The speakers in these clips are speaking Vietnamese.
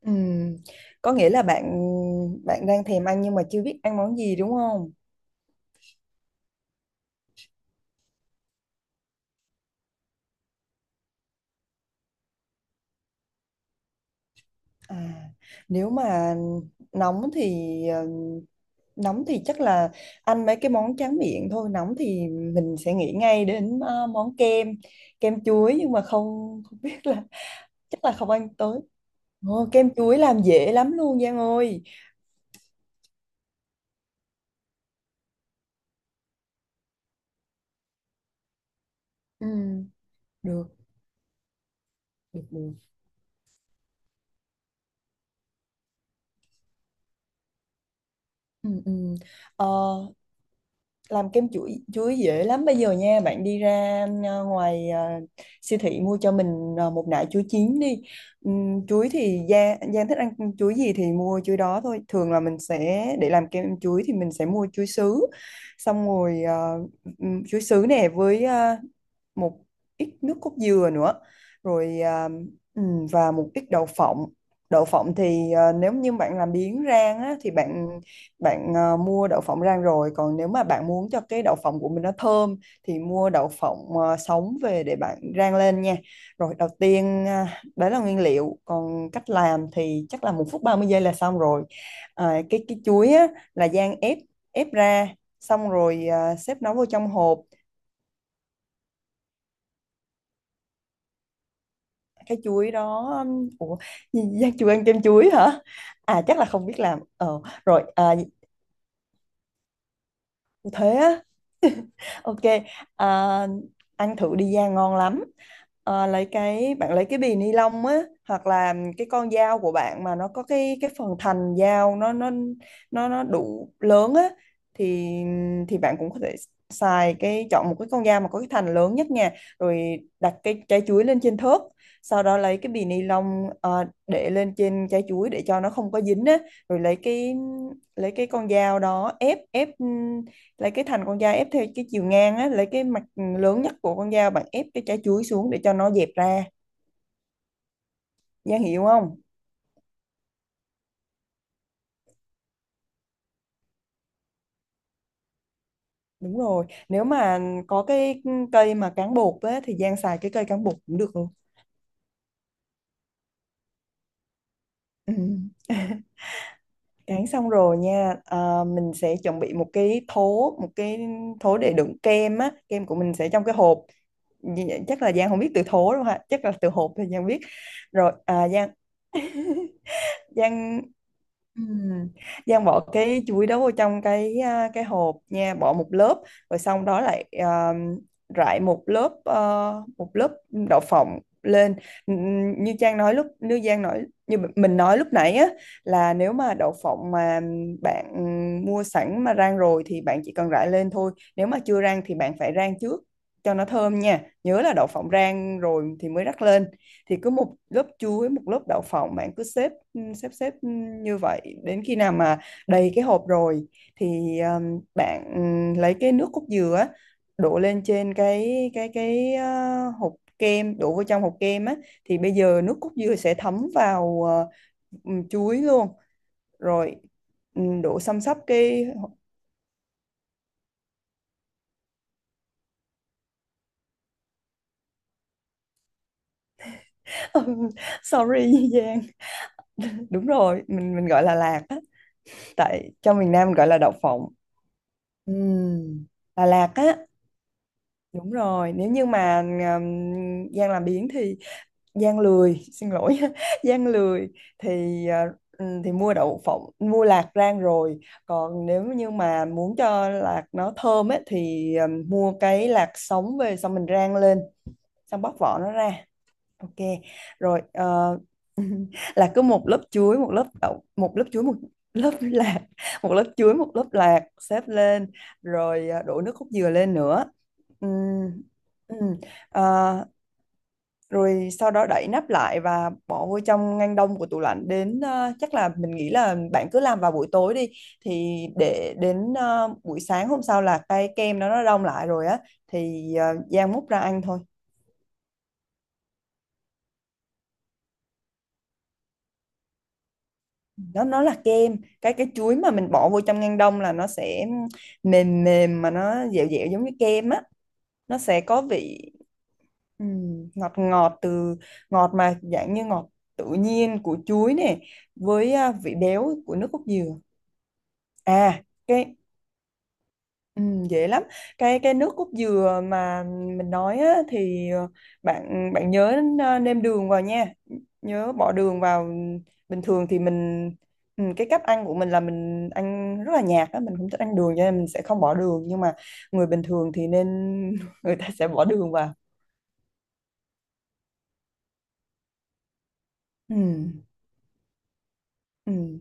Ừm, Có nghĩa là bạn bạn đang thèm ăn nhưng mà chưa biết ăn món gì đúng không? À, nếu mà nóng thì ờ, nóng thì chắc là ăn mấy cái món tráng miệng thôi. Nóng thì mình sẽ nghĩ ngay đến món kem chuối nhưng mà không không biết là chắc là không ăn tới. Ồ, kem chuối làm dễ lắm luôn Giang ơi. Ừm, được, được, được. Ừm, ừm. Ờ, làm kem chuối chuối dễ lắm bây giờ nha. Bạn đi ra siêu thị mua cho mình một nải chuối chín đi. Chuối thì Giang Giang thích ăn chuối gì thì mua chuối đó thôi. Thường là mình sẽ để làm kem chuối thì mình sẽ mua chuối sứ, xong rồi chuối sứ nè với một ít nước cốt dừa nữa, rồi và một ít đậu phộng. Đậu phộng thì nếu như bạn làm biếng rang á, thì bạn bạn à, mua đậu phộng rang rồi, còn nếu mà bạn muốn cho cái đậu phộng của mình nó thơm thì mua đậu phộng sống về để bạn rang lên nha. Rồi đầu tiên đấy là nguyên liệu, còn cách làm thì chắc là 1 phút 30 giây là xong rồi. Cái chuối á, là rang, ép ép ra, xong rồi xếp nó vô trong hộp. Cái chuối đó ủa, Giang chưa ăn kem chuối hả? Chắc là không biết làm. Ờ rồi à, Thế á? Ok, à, ăn thử đi Giang, ngon lắm. À, lấy cái bạn lấy cái bì ni lông á, hoặc là cái con dao của bạn mà nó có cái phần thành dao, nó đủ lớn á, thì thì bạn cũng có thể xài cái chọn một cái con dao mà có cái thành lớn nhất nha. Rồi đặt cái trái chuối lên trên thớt, sau đó lấy cái bì ni lông à, để lên trên trái chuối để cho nó không có dính á, rồi lấy cái con dao đó, ép ép, lấy cái thành con dao ép theo cái chiều ngang á, lấy cái mặt lớn nhất của con dao, bạn ép cái trái chuối xuống để cho nó dẹp ra. Giang hiểu không? Đúng rồi, nếu mà có cái cây mà cán bột á thì Giang xài cái cây cán bột cũng được luôn. Ừ. Cán xong rồi nha. Mình sẽ chuẩn bị một cái thố, để đựng kem á, kem của mình sẽ trong cái hộp. Chắc là Giang không biết từ thố đâu ha, chắc là từ hộp thì Giang biết. Rồi Giang, Giang Ừ. Giang bỏ cái chuối đó vô trong cái hộp nha, bỏ một lớp, rồi xong đó lại rải một lớp đậu phộng lên. Như Trang nói lúc như Giang nói như mình nói lúc nãy á, là nếu mà đậu phộng mà bạn mua sẵn mà rang rồi thì bạn chỉ cần rải lên thôi, nếu mà chưa rang thì bạn phải rang trước cho nó thơm nha, nhớ là đậu phộng rang rồi thì mới rắc lên. Thì cứ một lớp chuối một lớp đậu phộng, bạn cứ xếp, ừ, xếp xếp ừ, như vậy đến khi nào mà đầy cái hộp rồi thì bạn lấy cái nước cốt dừa á, đổ lên trên hộp kem, đổ vào trong hộp kem á, thì bây giờ nước cốt dừa sẽ thấm vào chuối luôn. Rồi đổ xăm xắp cái sorry Giang, đúng rồi, mình gọi là lạc á, tại trong miền Nam mình gọi là đậu phộng. Ừm, Đà Lạt á? Đúng rồi, nếu như mà Giang làm biếng thì Giang lười, xin lỗi, Giang lười, thì thì mua đậu phộng, mua lạc rang rồi. Còn nếu như mà muốn cho lạc nó thơm ấy, thì mua cái lạc sống về xong mình rang lên, xong bóc vỏ nó ra. Ok, rồi là cứ một lớp chuối, một lớp đậu, một lớp chuối, một lớp lạc, một lớp chuối, một lớp lạc xếp lên, rồi đổ nước cốt dừa lên nữa. Ừm, ừm, ờ, Rồi sau đó đậy nắp lại và bỏ vô trong ngăn đông của tủ lạnh đến chắc là mình nghĩ là bạn cứ làm vào buổi tối đi thì để đến buổi sáng hôm sau là cái kem nó đông lại rồi á, thì rang múc ra ăn thôi. Nó là kem, cái chuối mà mình bỏ vô trong ngăn đông là nó sẽ mềm mềm mà nó dẻo dẻo giống như kem á, nó sẽ có vị ngọt ngọt, từ ngọt mà dạng như ngọt tự nhiên của chuối nè, với vị béo của nước cốt dừa. À cái Ừ, dễ lắm. Cái nước cốt dừa mà mình nói á, thì bạn bạn nhớ nêm đường vào nha, nhớ bỏ đường vào. Bình thường thì mình, cái cách ăn của mình là mình ăn rất là nhạt á, mình không thích ăn đường cho nên mình sẽ không bỏ đường, nhưng mà người bình thường thì nên, người ta sẽ bỏ đường vào. Ừ, ừ.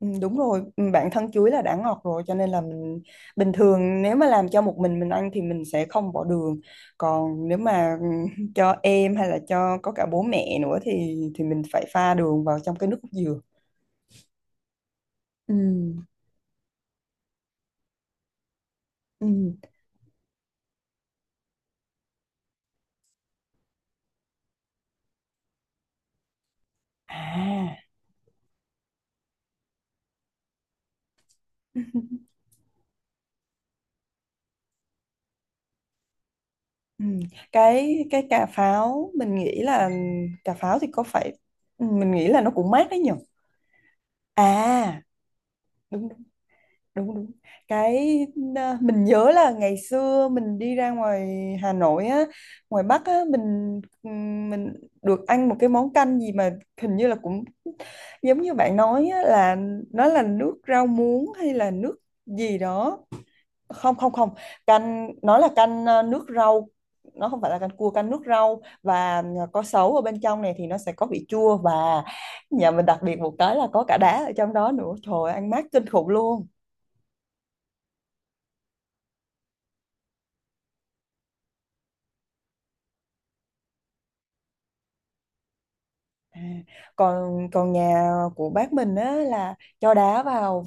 Ừ, đúng rồi. Ừ, bản thân chuối là đã ngọt rồi, cho nên là mình bình thường nếu mà làm cho một mình ăn thì mình sẽ không bỏ đường, còn nếu mà cho em hay là cho có cả bố mẹ nữa thì mình phải pha đường vào trong cái nước cốt dừa. Ừ, ừ. À. Ừ. cái cà pháo mình nghĩ là, ừ, cà pháo thì có phải ừ, mình nghĩ là nó cũng mát đấy nhỉ. à Đúng đúng đúng. cái mình nhớ là ngày xưa mình đi ra ngoài Hà Nội á, ngoài Bắc á, mình được ăn một cái món canh gì mà hình như là cũng giống như bạn nói á, là nó là nước rau muống hay là nước gì đó. Không, không, không, canh nó là canh nước rau, nó không phải là canh cua, canh nước rau, và có sấu ở bên trong này thì nó sẽ có vị chua, và nhà mình đặc biệt một cái là có cả đá ở trong đó nữa. Trời ơi, ăn mát kinh khủng luôn. À, còn còn nhà của bác mình á là cho đá vào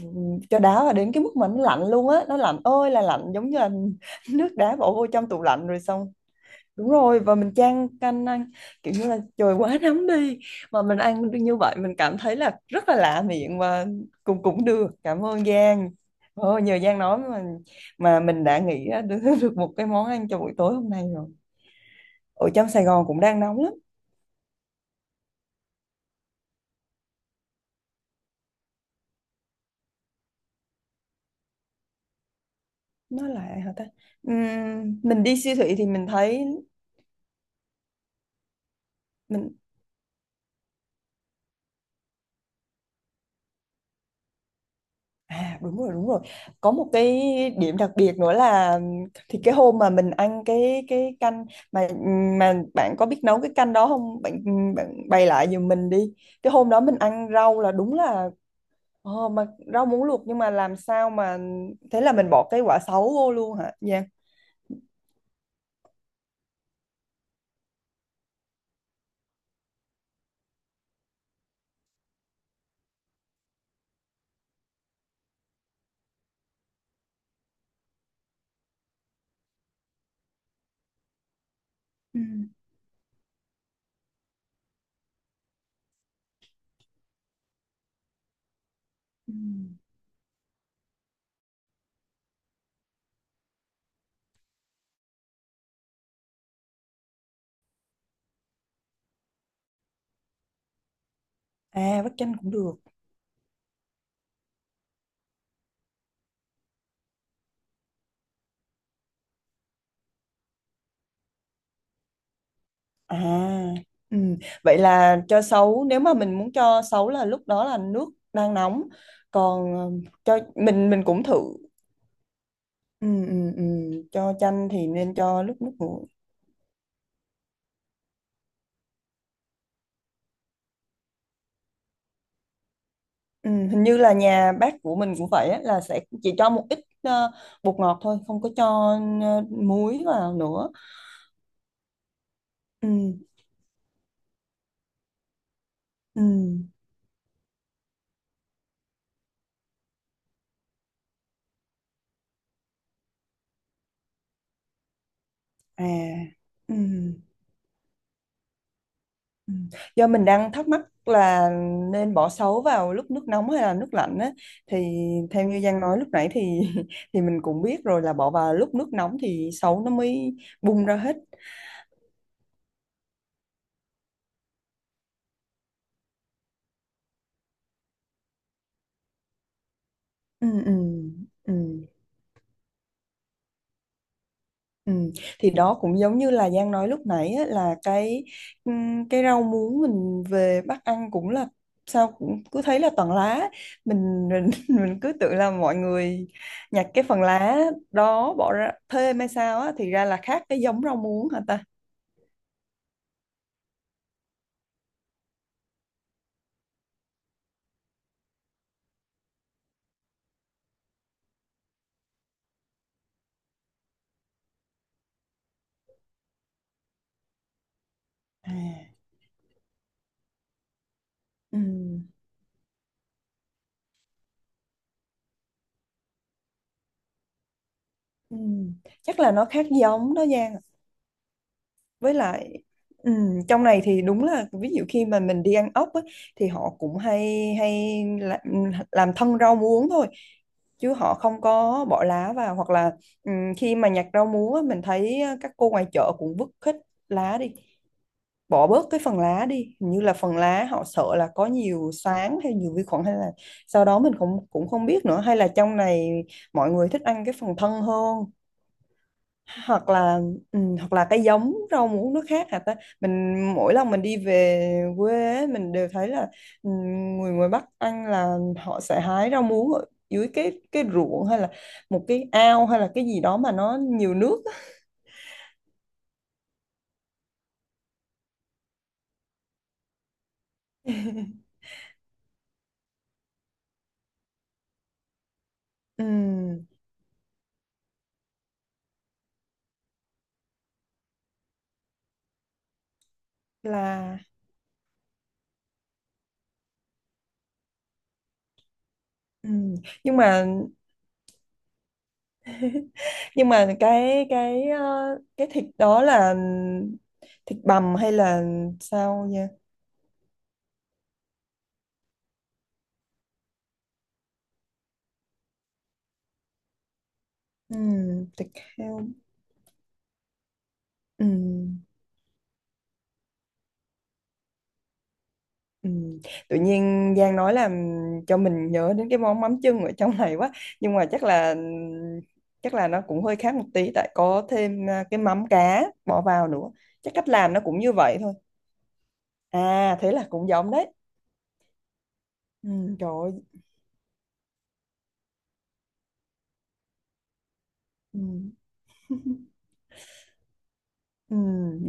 cho đá vào đến cái mức mà nó lạnh luôn á, nó lạnh ơi là lạnh, giống như là nước đá bỏ vô trong tủ lạnh rồi xong. Đúng rồi, và mình chan canh ăn, kiểu như là trời quá nóng đi mà mình ăn như vậy, mình cảm thấy là rất là lạ miệng, và cũng cũng được. Cảm ơn Giang. Ồ, nhờ Giang nói mà mình đã nghĩ ra được, được một cái món ăn cho buổi tối hôm nay rồi. Ở trong Sài Gòn cũng đang nóng lắm. Nó là hả ta? Mình đi siêu thị thì mình thấy mình. Đúng rồi, đúng rồi, có một cái điểm đặc biệt nữa là, thì cái hôm mà mình ăn cái canh mà mà bạn có biết nấu cái canh đó không bạn? Bạn bày lại giùm mình đi. Cái hôm đó mình ăn rau là đúng là mà rau muống luộc, nhưng mà làm sao mà thế là mình bỏ cái quả sấu vô luôn hả? Dạ. Ừ. À, vắt chanh cũng được. À, ừ. Vậy là cho sấu, nếu mà mình muốn cho sấu là lúc đó là nước đang nóng, còn cho mình cũng thử. Ừ, ừ, ừ. Cho chanh thì nên cho lúc nước nguội. Ừ. Hình như là nhà bác của mình cũng vậy á, là sẽ chỉ cho một ít bột ngọt thôi, không có cho muối vào nữa. Ừ, ừ. À, ừ. Ừ. Do mình đang thắc mắc là nên bỏ sấu vào lúc nước nóng hay là nước lạnh á, thì theo như Giang nói lúc nãy thì thì mình cũng biết rồi là bỏ vào lúc nước nóng thì sấu nó mới bung ra hết. Ừ, ừ, ừ. Ừ. Thì đó cũng giống như là Giang nói lúc nãy á, là cái rau muống mình về Bắc ăn cũng là, sao cũng cứ thấy là toàn lá, mình mình cứ tưởng là mọi người nhặt cái phần lá đó bỏ ra thêm hay sao á, thì ra là khác cái giống rau muống hả ta. à. Ừm, ừm. Chắc là nó khác giống đó Giang. Với lại trong này thì đúng là, ví dụ khi mà mình đi ăn ốc á, thì họ cũng hay hay làm thân rau muống thôi, chứ họ không có bỏ lá vào, hoặc là khi mà nhặt rau muống á, mình thấy các cô ngoài chợ cũng vứt hết lá đi, bỏ bớt cái phần lá đi, hình như là phần lá họ sợ là có nhiều xoáng hay nhiều vi khuẩn hay là, sau đó mình cũng cũng không biết nữa, hay là trong này mọi người thích ăn cái phần thân hơn, hoặc là, ừ, hoặc là cái giống rau muống nước khác hả ta. Mình mỗi lần mình đi về quê ấy, mình đều thấy là, ừ, người ngoài Bắc ăn là họ sẽ hái rau muống ở dưới cái ruộng hay là một cái ao hay là cái gì đó mà nó nhiều nước á. Ừ, là ừ. nhưng mà nhưng mà cái thịt đó là thịt bằm hay là sao nha? Ừ, thịt heo. Ừ. Ừ. Tự nhiên Giang nói là cho mình nhớ đến cái món mắm chưng ở trong này quá, nhưng mà chắc là nó cũng hơi khác một tí, tại có thêm cái mắm cá bỏ vào nữa, chắc cách làm nó cũng như vậy thôi. À, thế là cũng giống đấy. Ừ, trời ơi. Ừ. Ừ.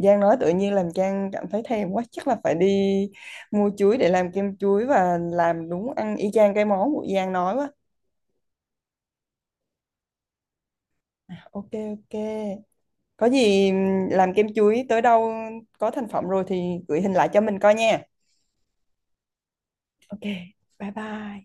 Giang nói tự nhiên làm Trang cảm thấy thèm quá, chắc là phải đi mua chuối để làm kem chuối và làm, đúng ăn y chang cái món của Giang nói quá. Ok, ok. Có gì làm kem chuối tới đâu, có thành phẩm rồi thì gửi hình lại cho mình coi nha. Ok, bye bye.